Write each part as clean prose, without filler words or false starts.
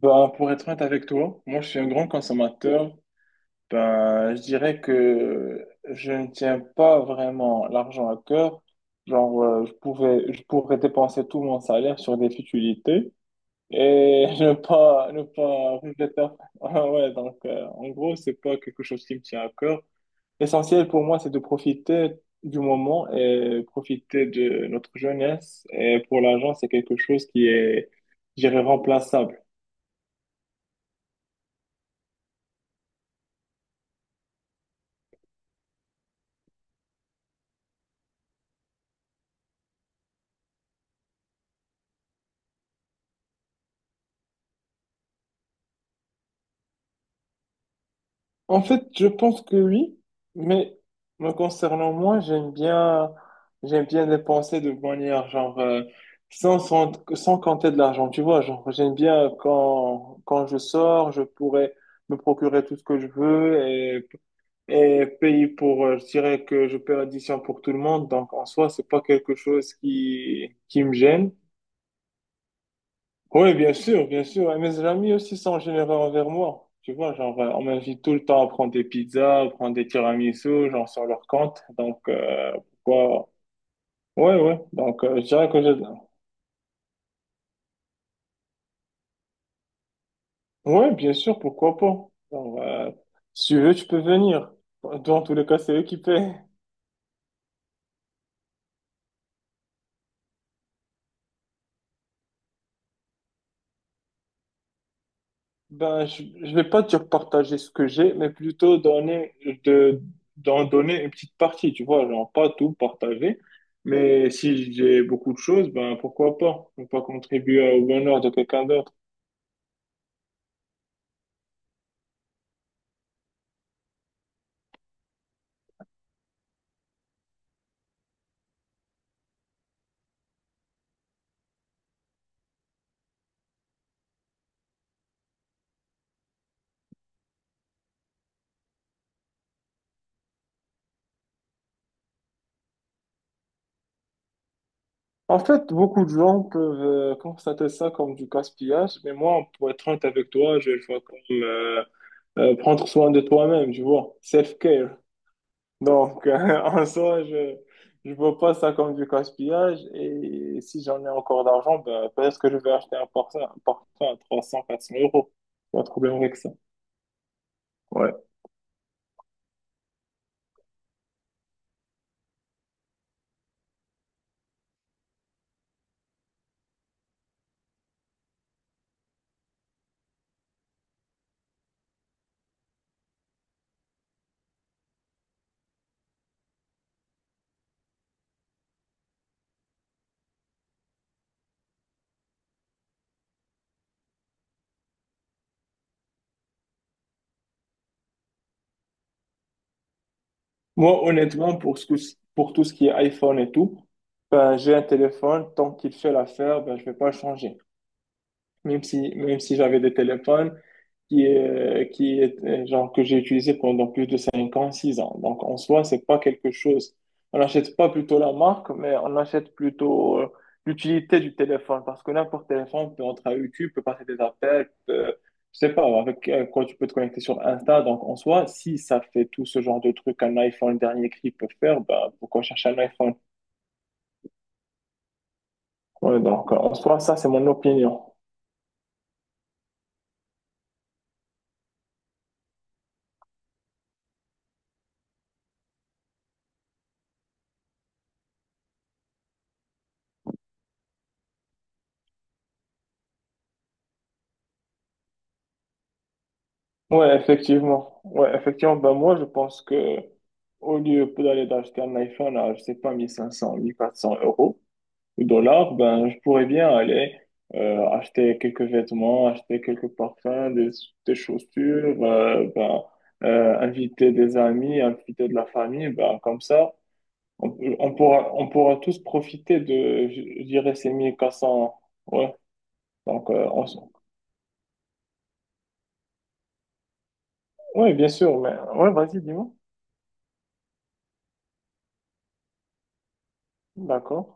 Ben, pour être honnête avec toi, moi je suis un grand consommateur. Ben, je dirais que je ne tiens pas vraiment l'argent à cœur. Je je pourrais dépenser tout mon salaire sur des futilités et ne pas regretter. Ah ouais, en gros, c'est pas quelque chose qui me tient à cœur. L'essentiel pour moi, c'est de profiter du moment et profiter de notre jeunesse. Et pour l'argent, c'est quelque chose qui est, je dirais, remplaçable. En fait, je pense que oui, mais me concernant moi, j'aime bien dépenser de manière sans compter de l'argent, tu vois, genre j'aime bien quand je sors, je pourrais me procurer tout ce que je veux et payer je dirais que je paie l'addition pour tout le monde, donc en soi, c'est pas quelque chose qui me gêne. Oui, bien sûr, bien sûr. Et mes amis aussi sont généreux envers moi. Tu vois, on m'invite tout le temps à prendre des pizzas, à prendre des tiramisu, genre, sur leur compte. Pourquoi... Ouais, ouais. Je dirais que je... Ouais, bien sûr, pourquoi pas. Genre, euh, si tu veux, tu peux venir. Dans tous les cas, c'est eux qui paient. Ben, je ne vais pas dire partager ce que j'ai, mais plutôt de, d'en donner une petite partie, tu vois, genre pas tout partager, mais si j'ai beaucoup de choses, ben pourquoi pas, ne pas contribuer au bonheur de quelqu'un d'autre. En fait, beaucoup de gens peuvent constater ça comme du gaspillage, mais moi, pour être honnête avec toi, je le vois comme prendre soin de toi-même, tu vois, self-care. Donc, en soi, je ne vois pas ça comme du gaspillage. Et si j'en ai encore d'argent, ben, peut-être que je vais acheter un parfum à trois cents quatre cents euros. Pas de problème avec ça. Ouais. Moi, honnêtement, pour tout ce qui est iPhone et tout, ben, j'ai un téléphone. Tant qu'il fait l'affaire, ben, je vais pas le changer. Même si j'avais des téléphones que j'ai utilisé pendant plus de 5 ans, 6 ans. Donc, en soi, c'est pas quelque chose. On n'achète pas plutôt la marque, mais on achète plutôt l'utilité du téléphone. Parce que n'importe quel téléphone peut entrer à YouTube, peut passer des appels, je sais pas, avec quoi tu peux te connecter sur Insta. Donc, en soi, si ça fait tout ce genre de trucs qu'un iPhone dernier cri peut faire, bah, pourquoi chercher un iPhone? En soi, ça, c'est mon opinion. Ouais, effectivement. Ouais, effectivement. Ben, moi, je pense que au lieu d'acheter un iPhone à, je sais pas, mille cinq cents, mille quatre cents euros ou dollars, ben, je pourrais bien aller acheter quelques vêtements, acheter quelques parfums, des chaussures, ben, inviter des amis, inviter de la famille, ben, comme ça. On pourra tous profiter je dirais, ces 1400 Ouais, on bien sûr, mais ouais, vas-y, dis-moi. D'accord,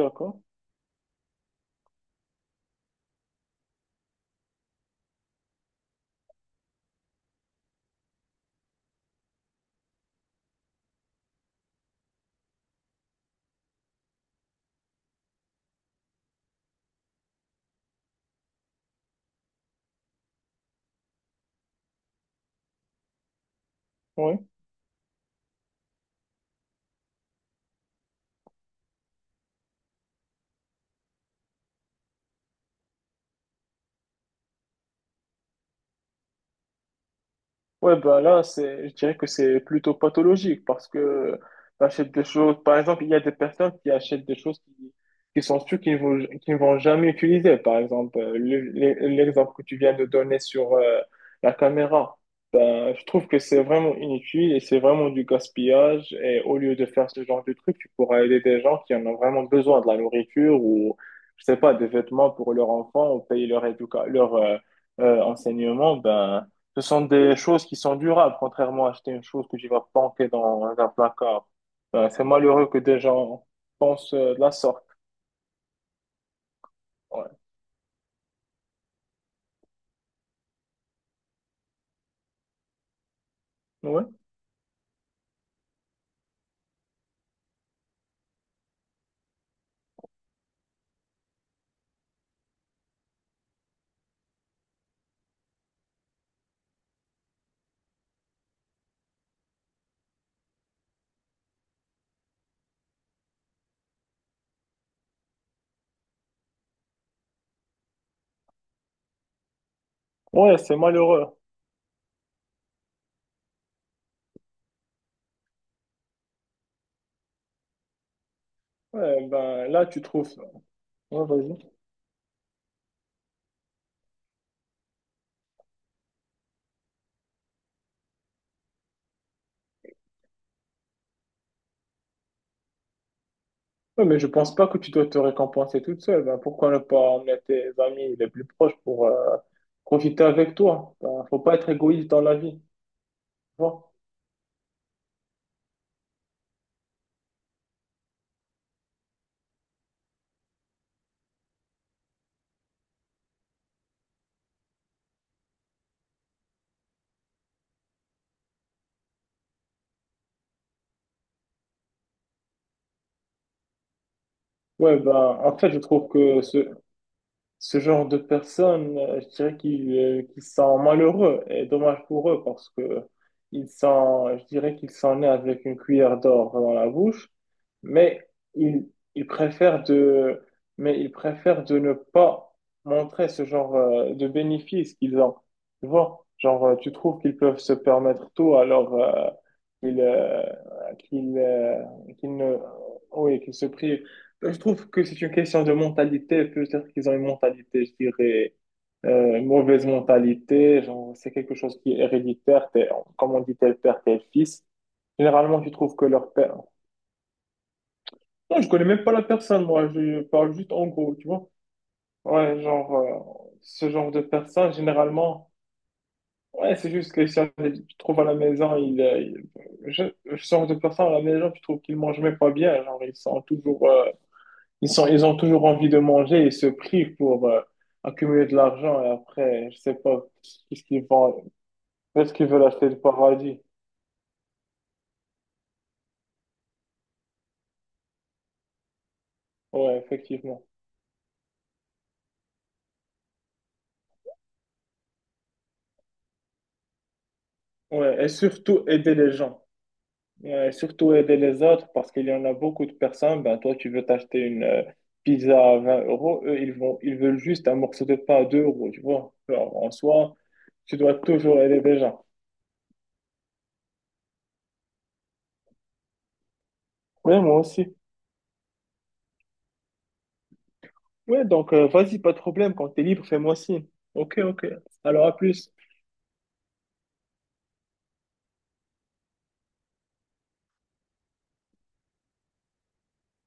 d'accord. Ouais. Ouais, bah là, je dirais que c'est plutôt pathologique parce que t'achètes des choses. Par exemple, il y a des personnes qui achètent des choses qui sont sûres qu'ils ne vont jamais utiliser. Par exemple, l'exemple que tu viens de donner sur la caméra. Ben, je trouve que c'est vraiment inutile et c'est vraiment du gaspillage. Et au lieu de faire ce genre de truc, tu pourras aider des gens qui en ont vraiment besoin, de la nourriture ou, je sais pas, des vêtements pour leurs enfants ou payer leur éducation, leur enseignement. Ben, ce sont des choses qui sont durables, contrairement à acheter une chose que tu vas planquer dans un placard. C'est malheureux que des gens pensent de la sorte. Ouais, ouais, ouais, c'est malheureux. Ouais, ben là, tu trouves. Ouais, vas-y. Ouais, mais je pense pas que tu dois te récompenser toute seule. Ben, pourquoi ne pas emmener tes amis les plus proches pour profiter avec toi? Ben, faut pas être égoïste dans la vie. Tu vois. Ouais, ben en fait, je trouve que ce genre de personnes, je dirais qu'ils sont malheureux et dommage pour eux parce que ils sont, je dirais qu'ils sont nés avec une cuillère d'or dans la bouche, mais ils, ils préfèrent mais ils préfèrent de ne pas montrer ce genre de bénéfices qu'ils ont. Tu vois, tu trouves qu'ils peuvent se permettre tout alors qu'ils qu'ils qu'ils ne, oui, qu'ils se privent. Bah, je trouve que c'est une question de mentalité. Peut-être qu'ils ont une mentalité, je dirais, mauvaise mentalité. Genre, c'est quelque chose qui est héréditaire. Comme on dit, tel père, tel fils. Généralement, tu trouves que leur père. Non, je connais même pas la personne, moi. Je parle juste en gros, tu vois. Ouais, ce genre de personne, généralement, ouais, c'est juste que si tu trouves à la maison, je- ce genre de personne à la maison, tu trouves qu'ils mangent même pas bien. Genre, ils sont toujours. Euh, ils ont toujours envie de manger, ils se privent pour accumuler de l'argent et après, je sais pas, qu'est-ce qu'ils vont, est-ce qu'ils veulent acheter le paradis? Ouais, effectivement. Ouais, et surtout aider les gens. Ouais, et surtout aider les autres parce qu'il y en a beaucoup de personnes. Ben, toi, tu veux t'acheter une pizza à 20 euros, eux, ils veulent juste un morceau de pain à 2 euros, tu vois. Alors, en soi, tu dois toujours aider les gens. Ouais, moi aussi. Ouais, vas-y, pas de problème. Quand t'es libre, fais-moi signe. Ok, ok. Alors, à plus.